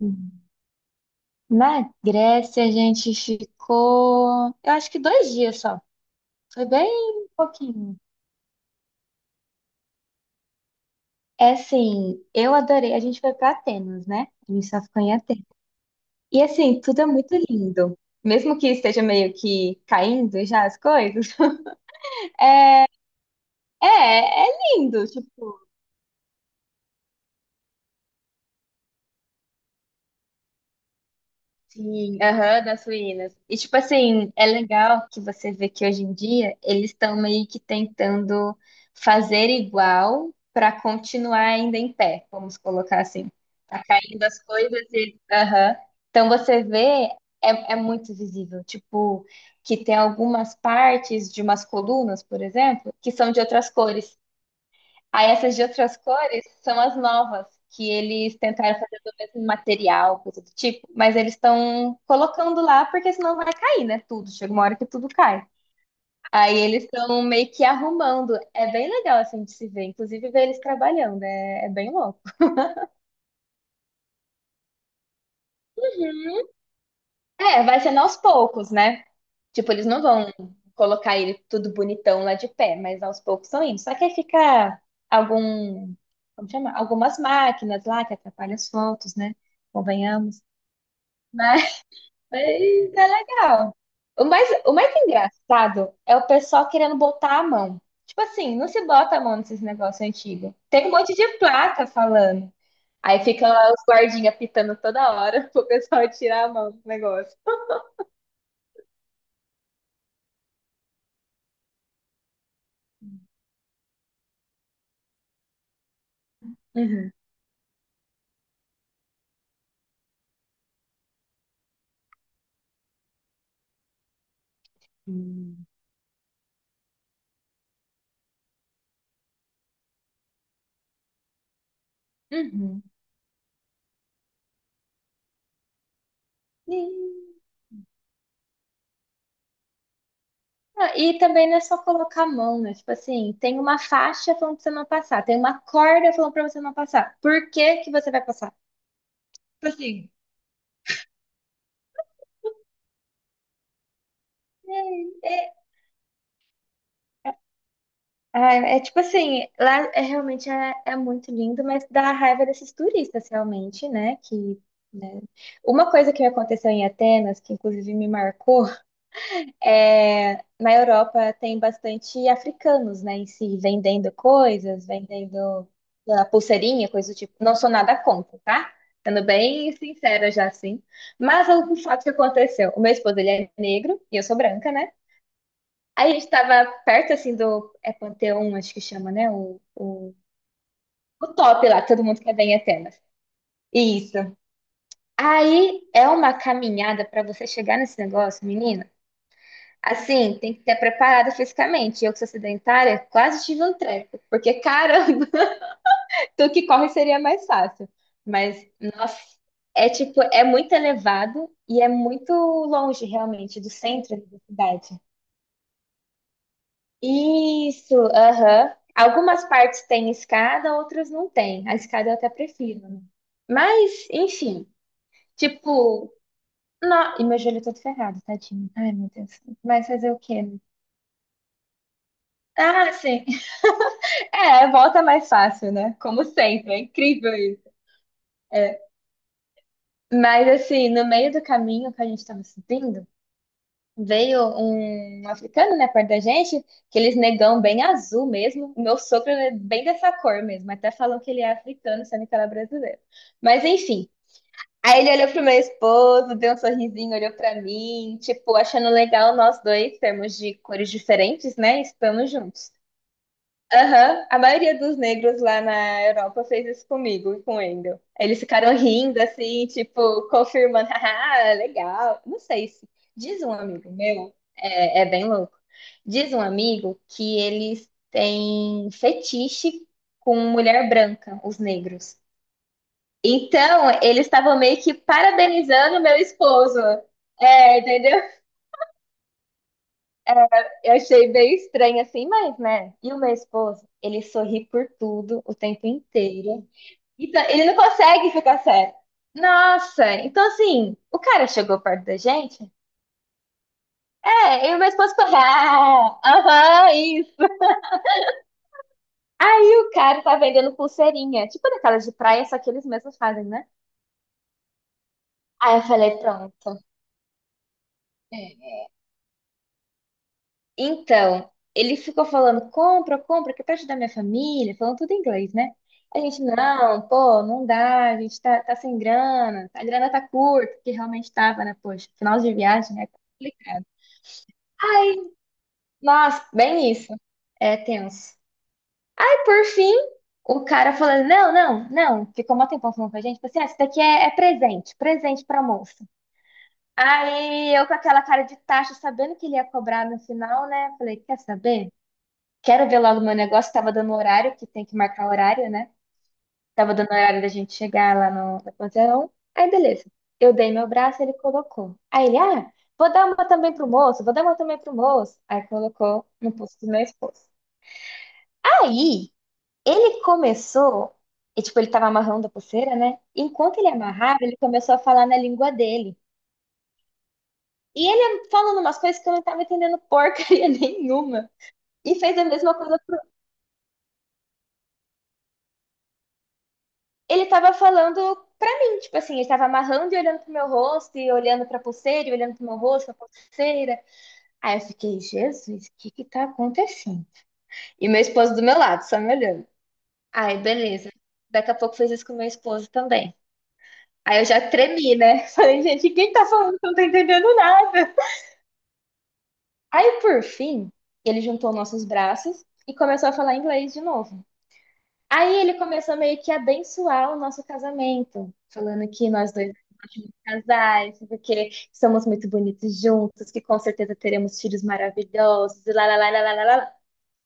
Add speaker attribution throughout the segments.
Speaker 1: Hum. Na Grécia a gente ficou, eu acho que 2 dias só. Foi bem pouquinho. É assim, eu adorei. A gente foi para Atenas, né? A gente só ficou em Atenas. E assim, tudo é muito lindo. Mesmo que esteja meio que caindo já as coisas. É, é lindo. Tipo, sim, aham, das ruínas. E, tipo assim, é legal que você vê que hoje em dia eles estão meio que tentando fazer igual para continuar ainda em pé, vamos colocar assim. Tá caindo as coisas e. Aham. Então você vê, é muito visível. Tipo, que tem algumas partes de umas colunas, por exemplo, que são de outras cores. Aí essas de outras cores são as novas, que eles tentaram fazer do mesmo material, coisa do tipo, mas eles estão colocando lá porque senão vai cair, né? Tudo. Chega uma hora que tudo cai. Aí eles estão meio que arrumando. É bem legal assim de se ver, inclusive ver eles trabalhando, é bem louco. É, vai sendo aos poucos, né? Tipo, eles não vão colocar ele tudo bonitão lá de pé, mas aos poucos estão indo. Só que aí fica algum, como chama? Algumas máquinas lá que atrapalham as fotos, né? Convenhamos. Mas mas é legal. O mais engraçado é o pessoal querendo botar a mão. Tipo assim, não se bota a mão nesses negócios antigos. Tem um monte de placa falando. Aí fica lá os guardinhas pitando toda hora pro pessoal tirar a mão do negócio. Uhum. Hum. Uhum. E, e também não é só colocar a mão, né? Tipo assim, tem uma faixa falando pra você não passar, tem uma corda falando pra você não passar. Por que que você vai passar? Tipo assim, é ah, é tipo assim, lá é realmente é muito lindo, mas dá raiva desses turistas realmente, né? Que, né? Uma coisa que me aconteceu em Atenas, que inclusive me marcou, é na Europa tem bastante africanos, né, em si, vendendo coisas, vendendo sei lá, pulseirinha, coisa do tipo. Não sou nada contra, tá? Sendo bem sincera já assim. Mas o fato que aconteceu, o meu esposo ele é negro e eu sou branca, né? Aí a gente tava perto, assim, do... É Panteão, acho que chama, né? O top lá, que todo mundo quer ver em Atenas. Isso. Aí é uma caminhada pra você chegar nesse negócio, menina. Assim, tem que ter preparada fisicamente. Eu que sou sedentária, quase tive um treco. Porque, caramba, tu que corre seria mais fácil. Mas, nossa, é tipo, é muito elevado e é muito longe, realmente, do centro da cidade. Isso, aham. Algumas partes têm escada, outras não têm. A escada eu até prefiro, né? Mas, enfim, tipo, não... e meu joelho todo ferrado, tadinho. Ai, meu Deus. Mas fazer o quê? Né? Ah, sim. É, volta mais fácil, né? Como sempre, é incrível isso. É. Mas assim, no meio do caminho que a gente tava subindo, veio um africano, né, perto da gente, que eles negão bem azul mesmo. O meu sogro é bem dessa cor mesmo. Até falam que ele é africano, sendo que ele é brasileiro. Mas enfim. Aí ele olhou pro meu esposo, deu um sorrisinho, olhou pra mim, tipo, achando legal nós dois termos de cores diferentes, né? Estamos juntos. Aham, a maioria dos negros lá na Europa fez isso comigo e com o Wendel. Eles ficaram rindo, assim, tipo, confirmando, ah, legal. Não sei se. Diz um amigo meu, é bem louco. Diz um amigo que eles têm fetiche com mulher branca, os negros. Então, eles estavam meio que parabenizando meu esposo. É, entendeu? Eu achei bem estranho assim, mas, né? E o meu esposo, ele sorri por tudo o tempo inteiro. Então, ele não consegue ficar sério. Nossa, então assim, o cara chegou perto da gente? É, eu e o meu esposo falou, ah, aham, isso. Aí o cara tá vendendo pulseirinha, tipo daquelas de praia, só que eles mesmos fazem, né? Aí eu falei, pronto. É. Então, ele ficou falando, compra, compra, que é pra ajudar minha família, falando tudo em inglês, né? A gente, não, pô, não dá, a gente tá sem grana, a grana tá curta, que realmente tava, né? Poxa, final de viagem, né? Complicado. Nossa, bem isso. É tenso. E por fim, o cara falando, não, não, não. Ficou um tempão falando com a gente. Falou assim, ah, isso daqui é presente, presente pra moça. Aí, eu com aquela cara de tacho, sabendo que ele ia cobrar no final, né? Falei, quer saber? Quero ver logo o meu negócio. Tava dando horário, que tem que marcar horário, né? Tava dando horário da gente chegar lá no Panteão. Aí, beleza. Eu dei meu braço, ele colocou. Aí ele, ah, vou dar uma também pro moço, vou dar uma também pro moço. Aí colocou no pulso do meu esposo. Aí, ele começou, e tipo, ele tava amarrando a pulseira, né? Enquanto ele amarrava, ele começou a falar na língua dele. E ele falando umas coisas que eu não tava entendendo porcaria nenhuma. E fez a mesma coisa pro... Ele tava falando pra mim, tipo assim, ele tava amarrando e olhando pro meu rosto, e olhando pra pulseira, e olhando pro meu rosto, pra pulseira. Aí eu fiquei, Jesus, o que que tá acontecendo? E meu esposo do meu lado, só me olhando. Aí, beleza. Daqui a pouco fez isso com meu esposo também. Aí eu já tremi, né? Falei, gente, quem tá falando que eu não tá entendendo nada? Aí, por fim, ele juntou nossos braços e começou a falar inglês de novo. Aí ele começou meio que a abençoar o nosso casamento, falando que nós dois somos ótimos casais, porque somos muito bonitos juntos, que com certeza teremos filhos maravilhosos, e lá, lá, lá, lá, lá, lá, lá.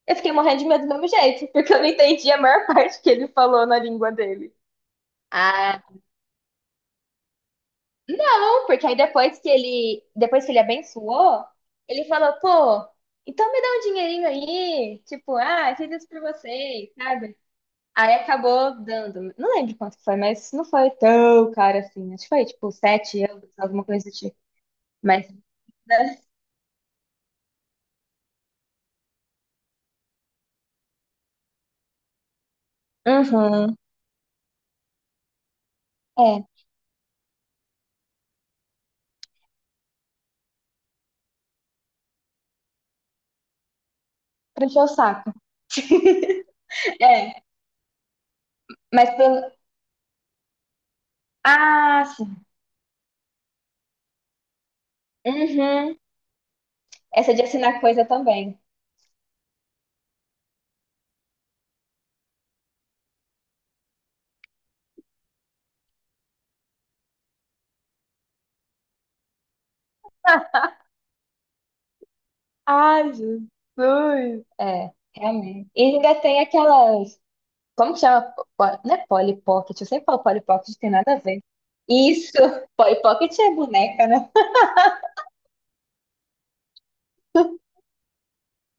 Speaker 1: Eu fiquei morrendo de medo do mesmo jeito, porque eu não entendi a maior parte que ele falou na língua dele. Não, porque aí depois que ele abençoou, ele falou, pô, então me dá um dinheirinho aí, tipo, ah, fiz isso pra vocês, sabe? Aí acabou dando, não lembro quanto que foi, mas não foi tão caro assim, acho que foi tipo 7 euros, alguma coisa do tipo. Mas, né? Uhum, é, pra encher o saco. É, mas pelo, ah, sim, uhum, essa de assinar coisa também. Ai, Jesus. É, realmente. E ainda tem aquelas como que chama? Po- não é Polly Pocket? Eu sempre falo Polly Pocket, tem nada a ver. Isso! Polly Pocket é boneca, né?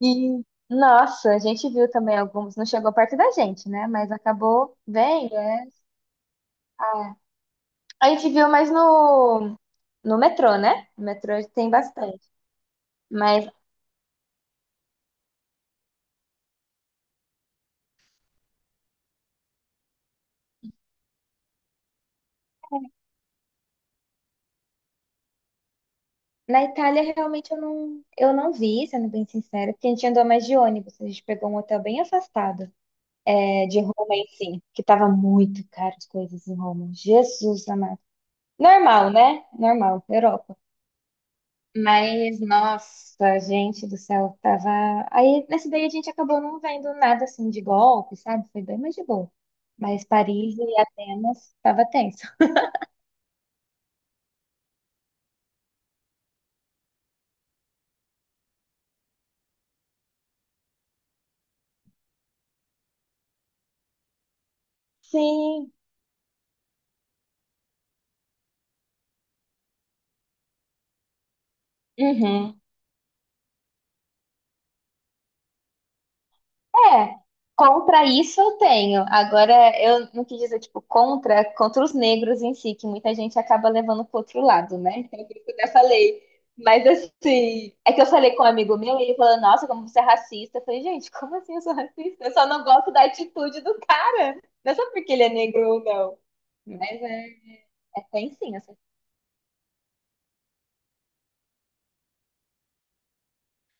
Speaker 1: E, nossa, a gente viu também alguns. Não chegou perto da gente, né? Mas acabou bem, né? Ah, a gente viu mais no metrô, né? No metrô tem bastante. Mas na Itália, realmente, eu não vi, sendo bem sincera, porque a gente andou mais de ônibus. A gente pegou um hotel bem afastado, é, de Roma em si, que tava muito caro as coisas em Roma. Jesus amado. Normal, né? Normal, Europa. Mas, nossa, gente do céu, tava. Aí, nesse daí, a gente acabou não vendo nada assim de golpe, sabe? Foi bem mais de boa. Mas Paris e Atenas tava tenso. Sim. Uhum. É, contra isso eu tenho. Agora, eu não quis dizer, tipo, contra os negros em si, que muita gente acaba levando pro outro lado, né? Então, por isso que eu até falei. Mas, assim, é que eu falei com um amigo meu e ele falou, nossa, como você é racista. Eu falei, gente, como assim eu sou racista? Eu só não gosto da atitude do cara. Não é só porque ele é negro ou não. Mas é, é tem sim, assim.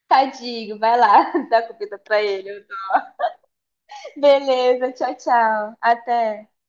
Speaker 1: Tadinho, vai lá, dá comida pra ele. Beleza, tchau, tchau. Até.